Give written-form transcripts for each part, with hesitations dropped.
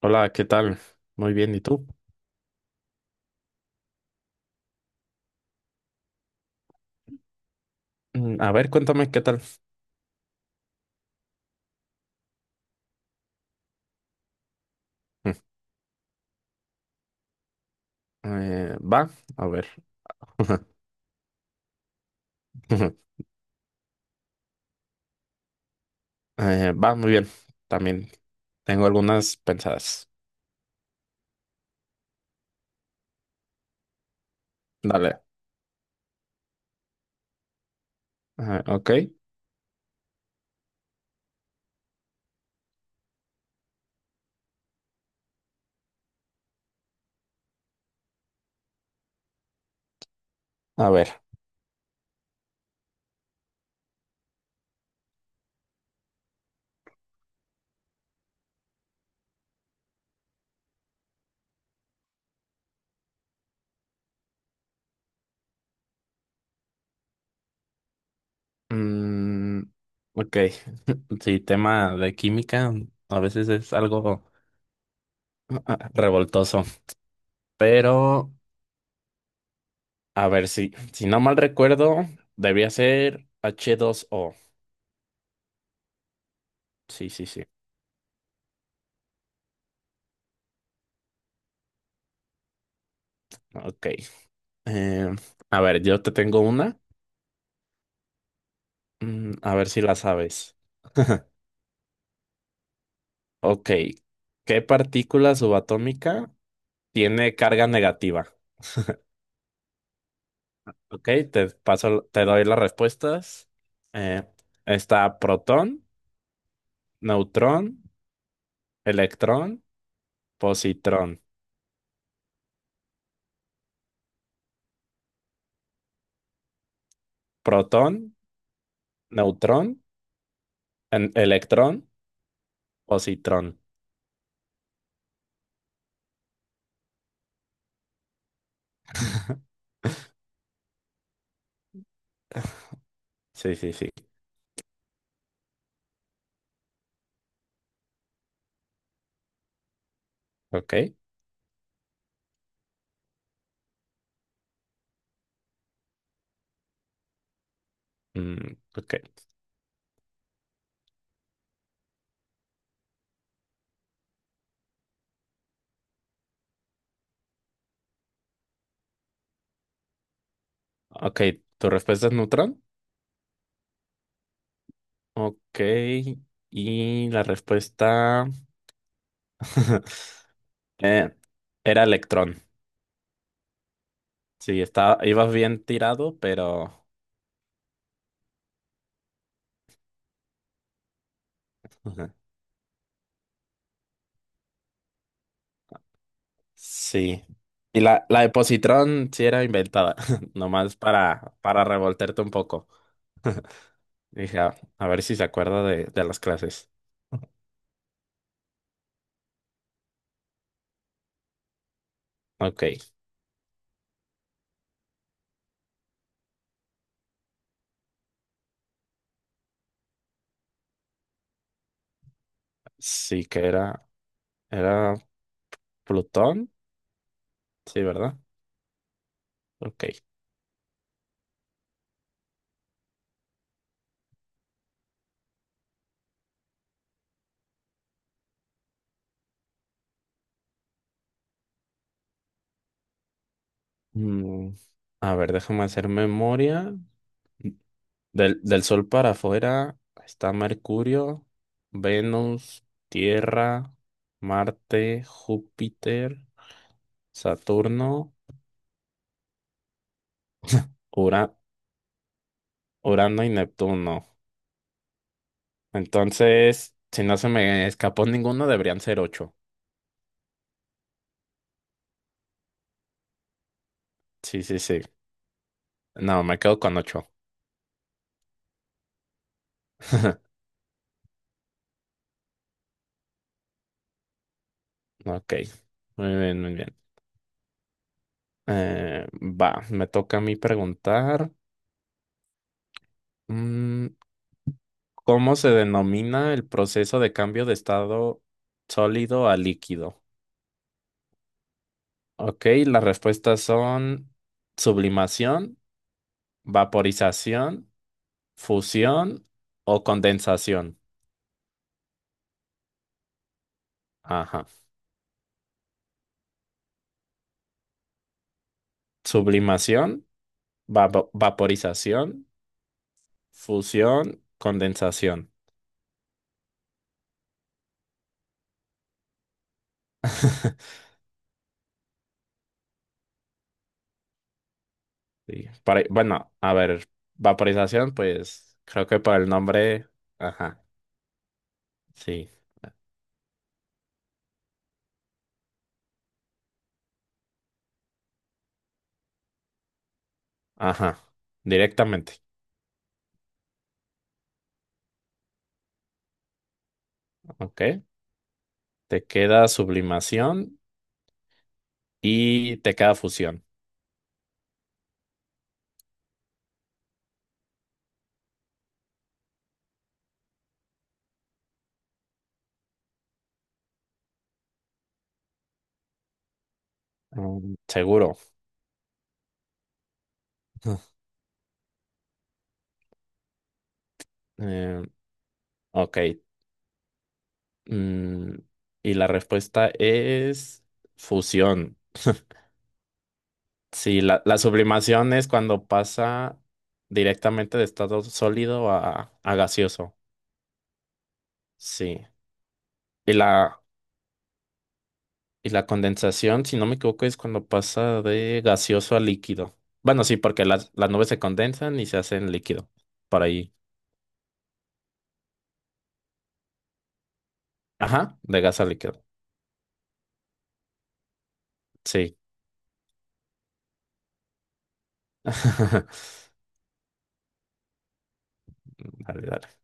Hola, ¿qué tal? Muy bien, ¿y tú? A ver, cuéntame, ¿qué tal? Mm. Va, a ver. Va, muy bien. También tengo algunas pensadas. Dale. Ok, a ver. Mm, ok, sí, tema de química a veces es algo revoltoso, pero a ver, si no mal recuerdo, debía ser H2O. Sí, sí, sí. Ok. Eh, a ver, yo te tengo una. A ver si la sabes. Ok. ¿Qué partícula subatómica tiene carga negativa? Ok, te paso, te doy las respuestas. Eh, Está protón, neutrón, electrón, positrón. Protón, neutrón, electrón, positrón. Sí, sí, sí. Ok. Mm, ok. Ok. ¿Tu respuesta es neutrón? Ok. Y la respuesta eh, era electrón. Sí, estaba ibas bien tirado, pero sí. Y la de Positrón sí era inventada, nomás para revolterte un poco. Dije, A ver si se acuerda de las clases. Ok, sí que era Plutón, sí, ¿verdad? Ok. Mm, A ver, déjame hacer memoria. Del Sol para afuera está Mercurio, Venus, Tierra, Marte, Júpiter. Saturno, Ura- Urano y Neptuno. Entonces, si no se me escapó ninguno, deberían ser ocho. Sí, sí, sí. No, me quedo con ocho. Ok. Muy bien, muy bien. Va, me toca a mí preguntar. mm, ¿Cómo se denomina el proceso de cambio de estado sólido a líquido? Ok, las respuestas son sublimación, vaporización, fusión o condensación. Ajá. Sublimación, vaporización, fusión, condensación. Sí, bueno, a ver, vaporización, pues creo que por el nombre, ajá, sí, ajá, directamente, ok. Te queda sublimación y te queda fusión. Seguro. Eh, ok. mm, y la respuesta es fusión. Sí, la sublimación es cuando pasa directamente de estado sólido a gaseoso. Sí. Y la, y la condensación, si no me equivoco, es cuando pasa de gaseoso a líquido. Bueno, sí, porque las nubes se condensan y se hacen líquido. Por ahí. Ajá, de gas a líquido. Sí. Dale, dale.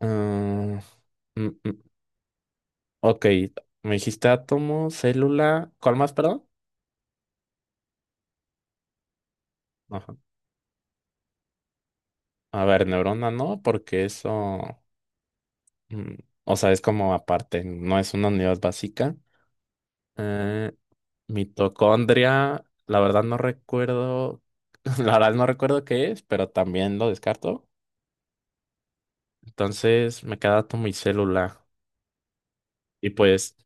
Mm, mm, mm, ok, me dijiste átomo, célula. ¿Cuál más, perdón? Ajá. A ver, neurona no, porque eso. Mm, O sea, es como aparte, no es una unidad básica. Eh, Mitocondria, la verdad no recuerdo, la verdad no recuerdo qué es, pero también lo descarto. Entonces me queda átomo y célula. Y pues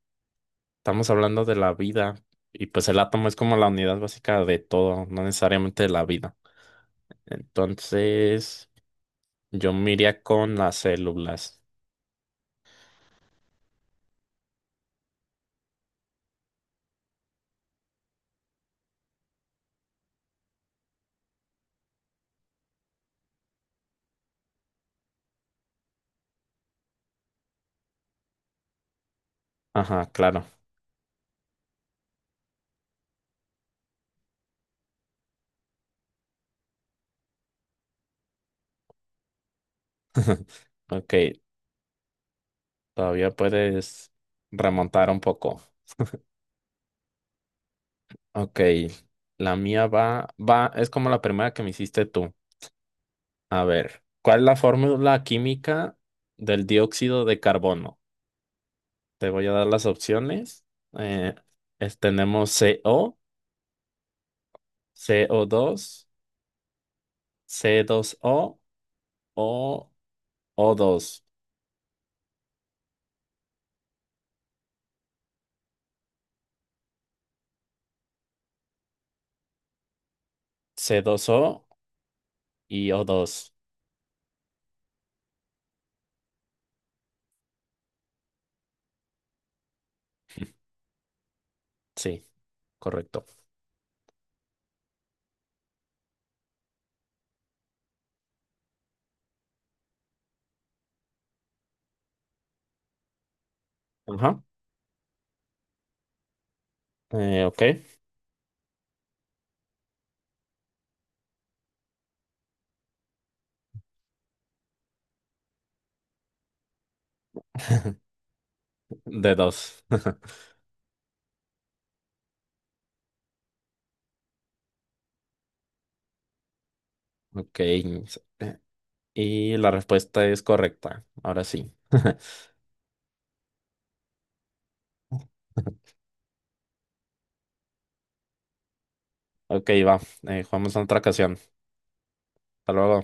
estamos hablando de la vida. Y pues el átomo es como la unidad básica de todo, no necesariamente de la vida. Entonces yo me iría con las células. Ajá, claro. Ok, todavía puedes remontar un poco. Ok, la mía va, es como la primera que me hiciste tú. A ver, ¿cuál es la fórmula química del dióxido de carbono? Te voy a dar las opciones. Eh, Tenemos CO, CO2, C2O o O2. C2O y O2. Sí, correcto. Ajá. Ok, de dos. Ok, y la respuesta es correcta. Ahora sí. Ok, va. Jugamos en otra ocasión. Hasta luego.